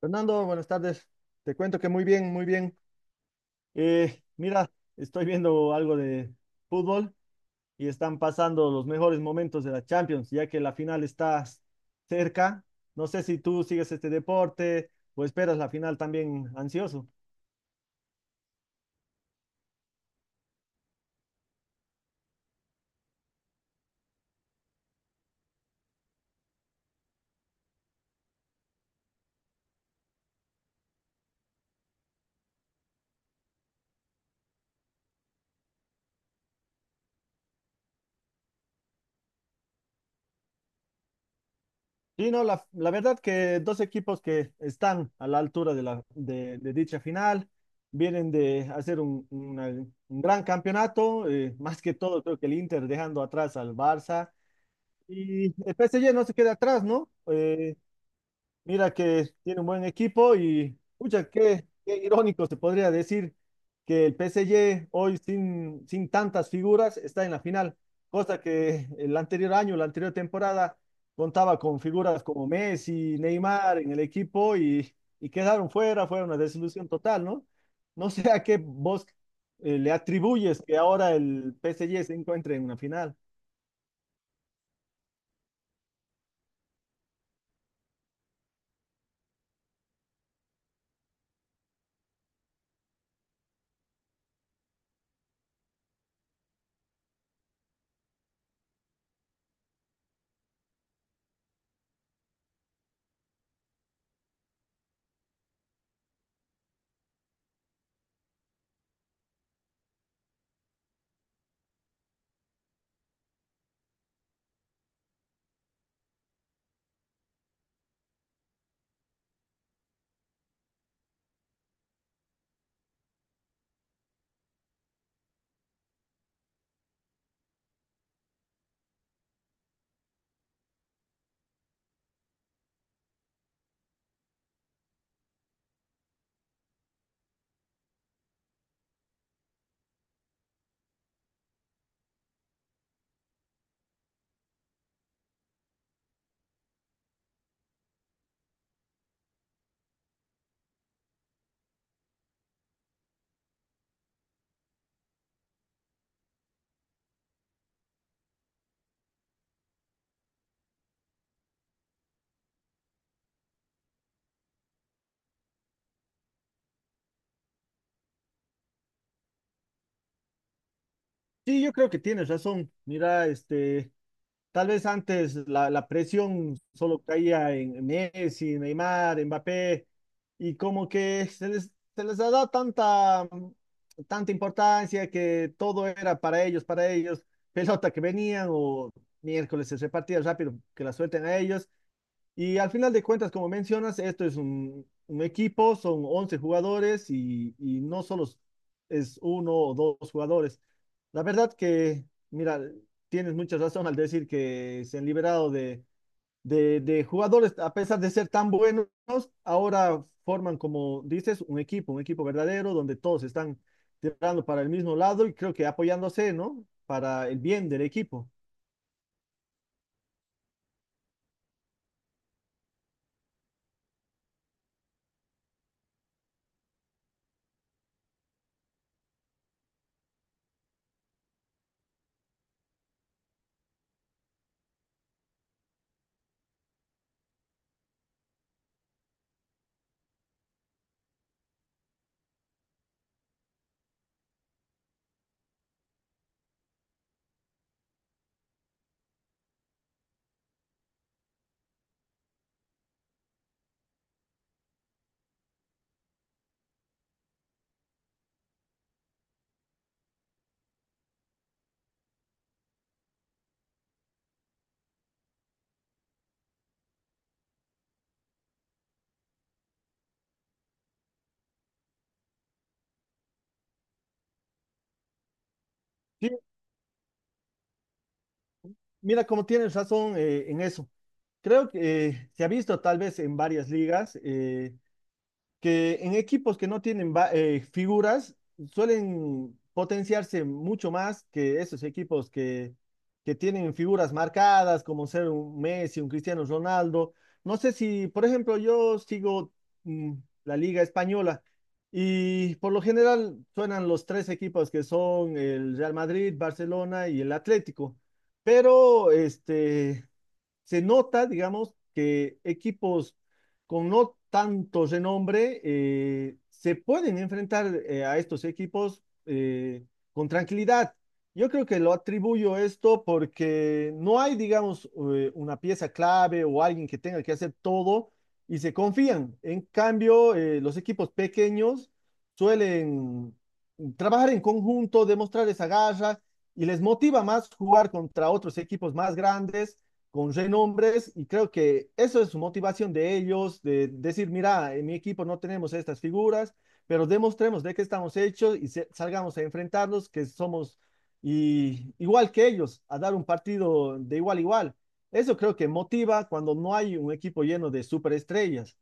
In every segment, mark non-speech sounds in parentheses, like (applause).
Fernando, buenas tardes. Te cuento que muy bien, muy bien. Eh, mira, estoy viendo algo de fútbol y están pasando los mejores momentos de la Champions, ya que la final está cerca. No sé si tú sigues este deporte o esperas la final también ansioso. Sí, no, la verdad que dos equipos que están a la altura de de dicha final vienen de hacer un gran campeonato, más que todo creo que el Inter dejando atrás al Barça. Y el PSG no se queda atrás, ¿no? Mira que tiene un buen equipo y, pucha, qué irónico se podría decir que el PSG hoy sin tantas figuras está en la final, cosa que el anterior año, la anterior temporada, contaba con figuras como Messi, Neymar en el equipo y quedaron fuera, fue una desilusión total, ¿no? No sé a qué vos le atribuyes que ahora el PSG se encuentre en una final. Sí, yo creo que tienes razón. Mira, tal vez antes la presión solo caía en Messi, Neymar, Mbappé, y como que se les ha dado tanta, tanta importancia que todo era para ellos, (laughs) pelota que venían o miércoles se repartía rápido, que la suelten a ellos. Y al final de cuentas, como mencionas, esto es un equipo, son 11 jugadores y no solo es uno o dos jugadores. La verdad que, mira, tienes mucha razón al decir que se han liberado de, de jugadores, a pesar de ser tan buenos, ahora forman, como dices, un equipo verdadero donde todos están tirando para el mismo lado y creo que apoyándose, ¿no? Para el bien del equipo. Sí, mira, como tienes razón en eso. Creo que se ha visto tal vez en varias ligas que en equipos que no tienen figuras suelen potenciarse mucho más que esos equipos que tienen figuras marcadas como ser un Messi, un Cristiano Ronaldo. No sé si, por ejemplo, yo sigo mm, la liga española y por lo general suenan los tres equipos que son el Real Madrid, Barcelona y el Atlético. Pero este, se nota, digamos, que equipos con no tanto renombre se pueden enfrentar a estos equipos con tranquilidad. Yo creo que lo atribuyo esto porque no hay, digamos, una pieza clave o alguien que tenga que hacer todo y se confían. En cambio, los equipos pequeños suelen trabajar en conjunto, demostrar esa garra y les motiva más jugar contra otros equipos más grandes con renombres y creo que eso es su motivación de ellos, de decir, mira, en mi equipo no tenemos estas figuras, pero demostremos de qué estamos hechos y salgamos a enfrentarlos, que somos igual que ellos, a dar un partido de igual a igual. Eso creo que motiva cuando no hay un equipo lleno de superestrellas.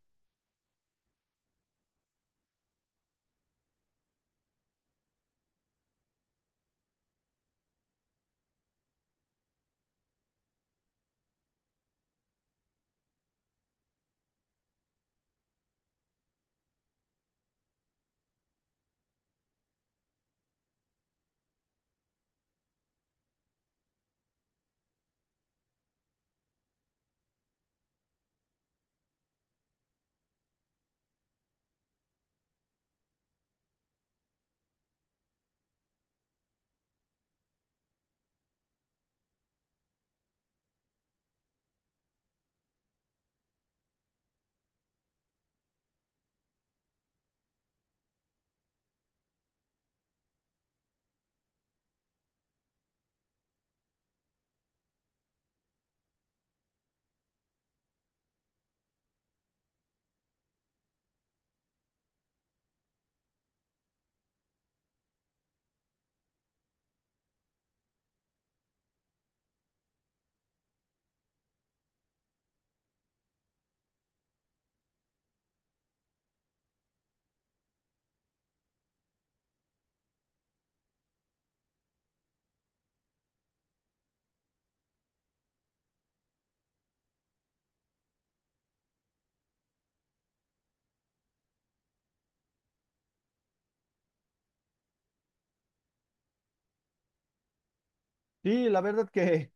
Sí, la verdad que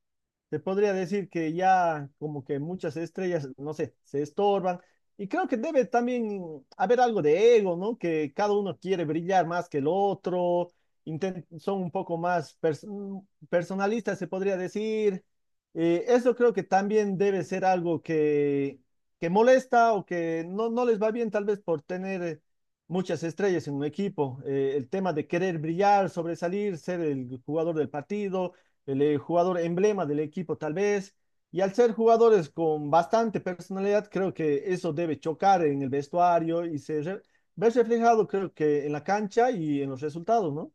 se podría decir que ya como que muchas estrellas, no sé, se estorban. Y creo que debe también haber algo de ego, ¿no? Que cada uno quiere brillar más que el otro, son un poco más personalistas, se podría decir. Eso creo que también debe ser algo que molesta o que no, no les va bien tal vez por tener muchas estrellas en un equipo. El tema de querer brillar, sobresalir, ser el jugador del partido, el jugador emblema del equipo tal vez. Y al ser jugadores con bastante personalidad, creo que eso debe chocar en el vestuario y ver reflejado, creo que en la cancha y en los resultados, ¿no?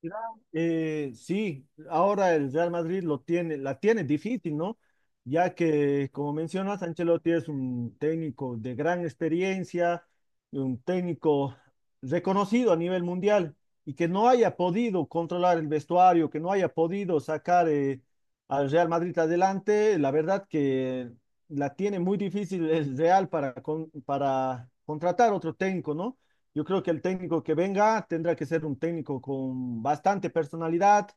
Claro, sí, ahora el Real Madrid lo tiene, la tiene difícil, ¿no? Ya que, como mencionas, Ancelotti es un técnico de gran experiencia, un técnico reconocido a nivel mundial y que no haya podido controlar el vestuario, que no haya podido sacar al Real Madrid adelante, la verdad que la tiene muy difícil el Real para, para contratar otro técnico, ¿no? Yo creo que el técnico que venga tendrá que ser un técnico con bastante personalidad,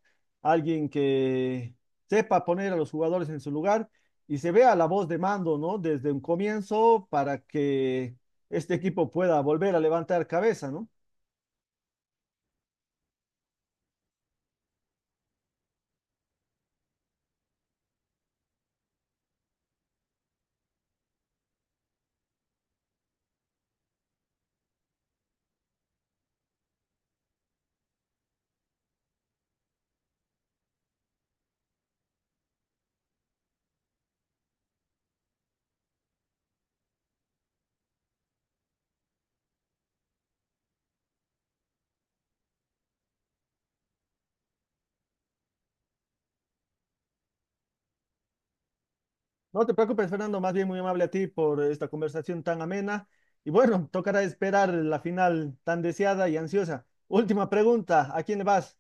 alguien que sepa poner a los jugadores en su lugar y se vea la voz de mando, ¿no? Desde un comienzo para que este equipo pueda volver a levantar cabeza, ¿no? No te preocupes, Fernando, más bien muy amable a ti por esta conversación tan amena. Y bueno, tocará esperar la final tan deseada y ansiosa. Última pregunta, ¿a quién le vas?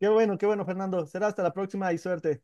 Qué bueno, Fernando. Será hasta la próxima y suerte.